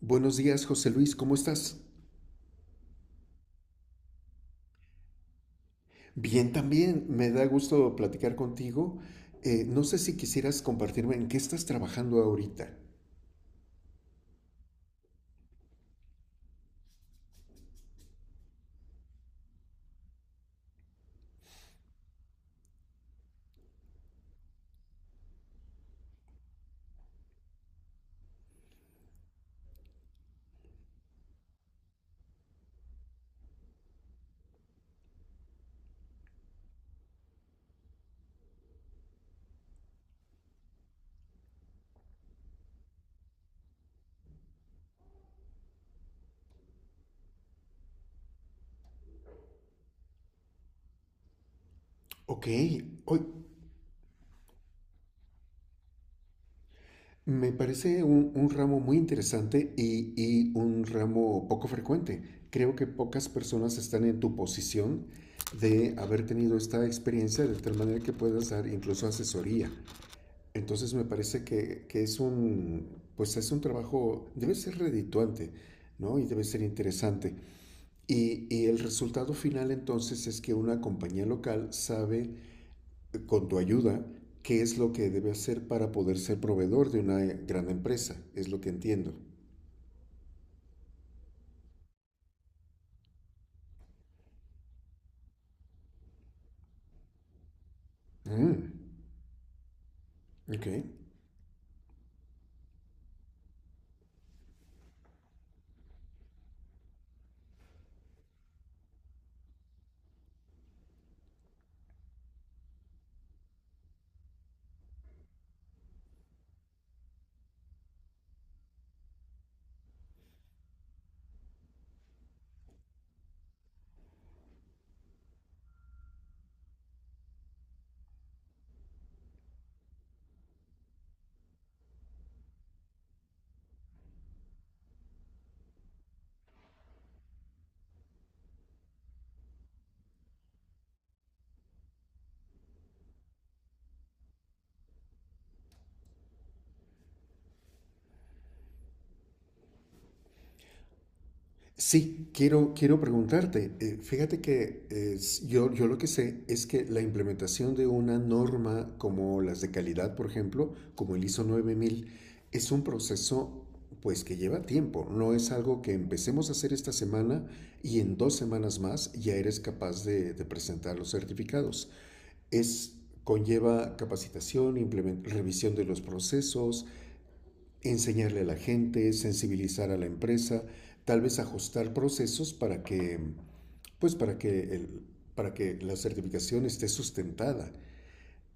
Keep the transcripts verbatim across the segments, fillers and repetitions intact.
Buenos días, José Luis, ¿cómo estás? Bien, también me da gusto platicar contigo. Eh, no sé si quisieras compartirme en qué estás trabajando ahorita. Ok, hoy me parece un, un ramo muy interesante y, y un ramo poco frecuente. Creo que pocas personas están en tu posición de haber tenido esta experiencia de tal manera que puedas dar incluso asesoría. Entonces me parece que, que es un, pues es un trabajo, debe ser redituante, ¿no? Y debe ser interesante. Y, y el resultado final entonces es que una compañía local sabe, eh, con tu ayuda, qué es lo que debe hacer para poder ser proveedor de una gran empresa, es lo que entiendo. Mm, ok. Sí, quiero, quiero preguntarte. Eh, fíjate que es- yo, yo lo que sé es que la implementación de una norma como las de calidad, por ejemplo, como el ISO nueve mil, es un proceso pues que lleva tiempo. No es algo que empecemos a hacer esta semana y en dos semanas más ya eres capaz de, de presentar los certificados. Es, conlleva capacitación, implement- revisión de los procesos, enseñarle a la gente, sensibilizar a la empresa, tal vez ajustar procesos para que, pues para que, el, para que la certificación esté sustentada.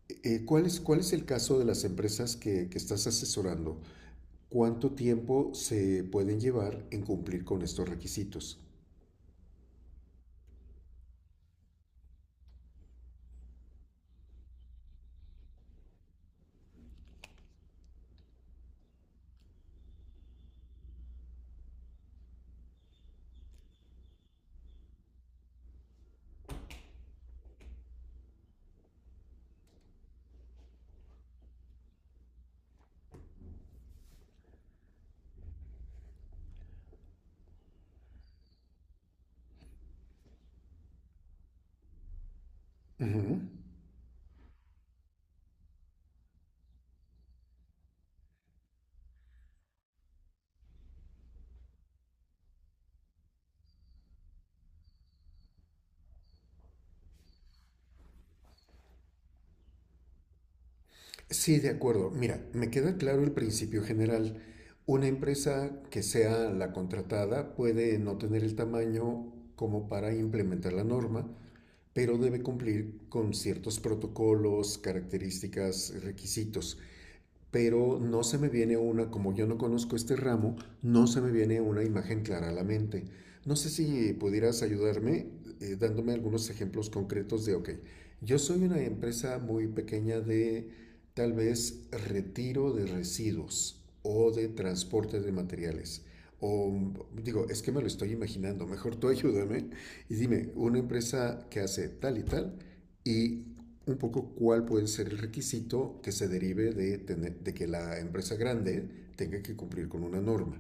Eh, eh, ¿cuál, es, ¿Cuál es el caso de las empresas que, que estás asesorando? ¿Cuánto tiempo se pueden llevar en cumplir con estos requisitos? Ujú. Sí, de acuerdo. Mira, me queda claro el principio general. Una empresa que sea la contratada puede no tener el tamaño como para implementar la norma, pero debe cumplir con ciertos protocolos, características, requisitos pero no se me viene una, como yo no conozco este ramo, no se me viene una imagen clara a la mente. No sé si pudieras ayudarme eh, dándome algunos ejemplos concretos de, ok, yo soy una empresa muy pequeña de tal vez retiro de residuos o de transporte de materiales. O digo, es que me lo estoy imaginando, mejor tú ayúdame y dime, una empresa que hace tal y tal y un poco cuál puede ser el requisito que se derive de, tener, de que la empresa grande tenga que cumplir con una norma.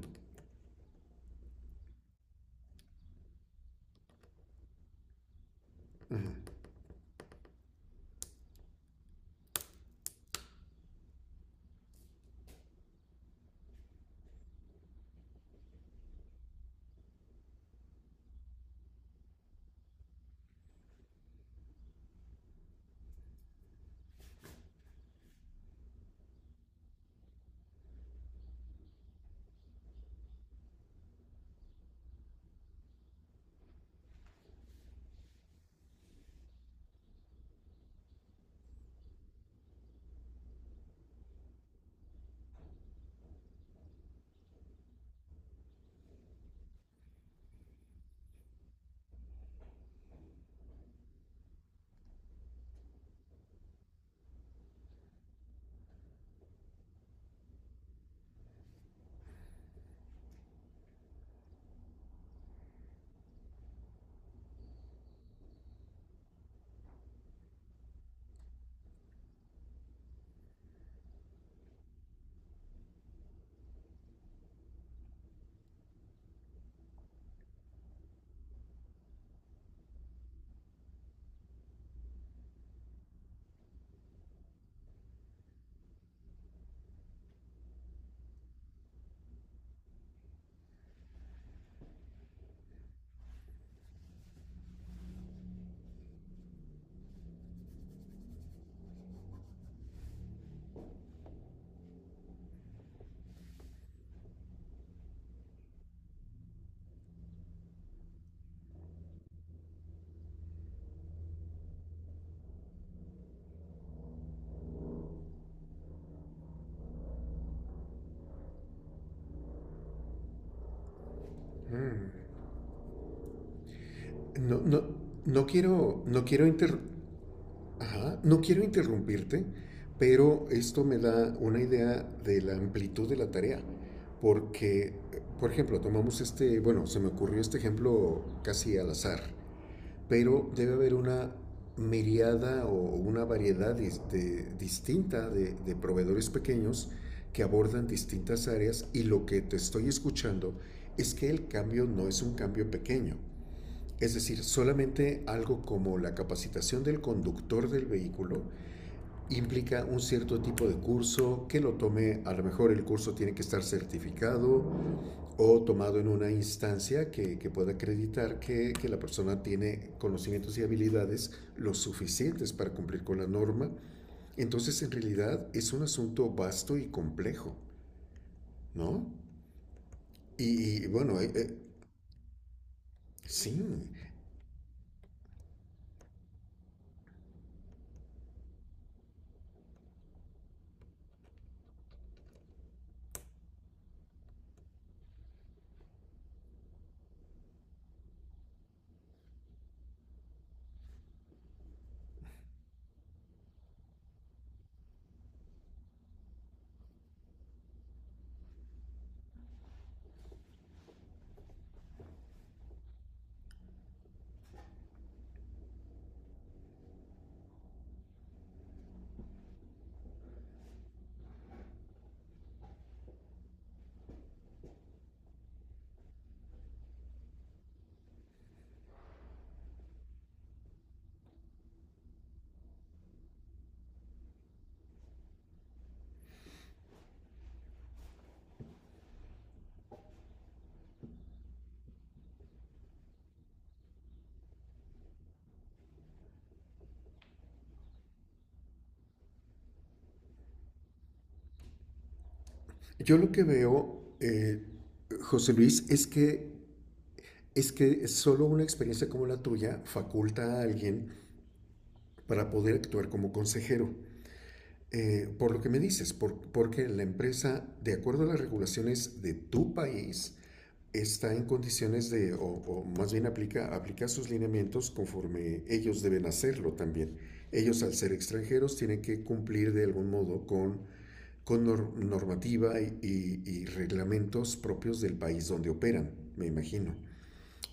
Mm. No, no, no quiero, no quiero, inter... Ajá, no quiero interrumpirte, pero esto me da una idea de la amplitud de la tarea, porque, por ejemplo, tomamos este, bueno, se me ocurrió este ejemplo casi al azar pero debe haber una miriada o una variedad este, distinta de, de proveedores pequeños que abordan distintas áreas y lo que te estoy escuchando es que el cambio no es un cambio pequeño. Es decir, solamente algo como la capacitación del conductor del vehículo implica un cierto tipo de curso que lo tome, a lo mejor el curso tiene que estar certificado, o tomado en una instancia que, que pueda acreditar que, que, la persona tiene conocimientos y habilidades los suficientes para cumplir con la norma. Entonces, en realidad, es un asunto vasto y complejo, ¿no? Y, y bueno, eh, eh, sí, yo lo que veo, eh, José Luis, es que, es que solo una experiencia como la tuya faculta a alguien para poder actuar como consejero. Eh, por lo que me dices, por- porque la empresa, de acuerdo a las regulaciones de tu país, está en condiciones de, o, o más bien aplica, aplica sus lineamientos conforme ellos deben hacerlo también. Ellos, al ser extranjeros, tienen que cumplir de algún modo con, con nor- normativa y, y- y reglamentos propios del país donde operan, me imagino.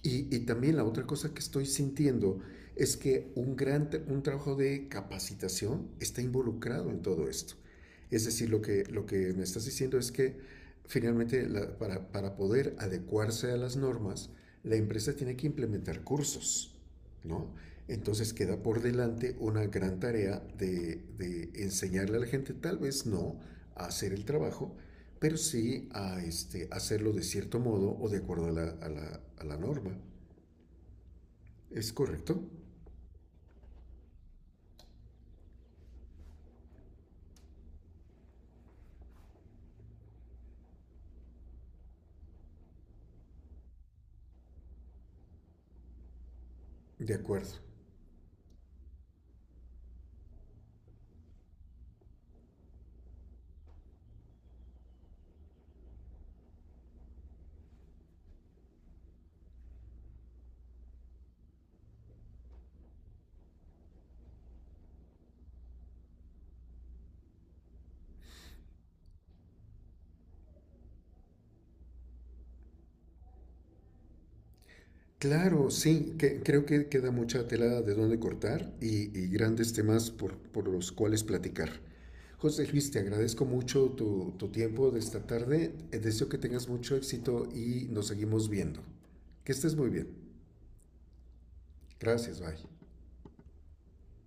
Y, y, también la otra cosa que estoy sintiendo es que un gran un trabajo de capacitación está involucrado en todo esto. Es decir, lo que, lo que me estás diciendo es que finalmente la, para, para, poder adecuarse a las normas, la empresa tiene que implementar cursos, ¿no? Entonces queda por delante una gran tarea de, de enseñarle a la gente, tal vez no, a hacer el trabajo, pero sí a este, hacerlo de cierto modo o de acuerdo a la, a la- a la norma. ¿Es correcto? De acuerdo. Claro, sí, que, creo que queda mucha tela de dónde cortar y, y grandes temas por, por los cuales platicar. José Luis, te agradezco mucho tu, tu tiempo de esta tarde. Eh, Deseo que tengas mucho éxito y nos seguimos viendo. Que estés muy bien. Gracias, bye.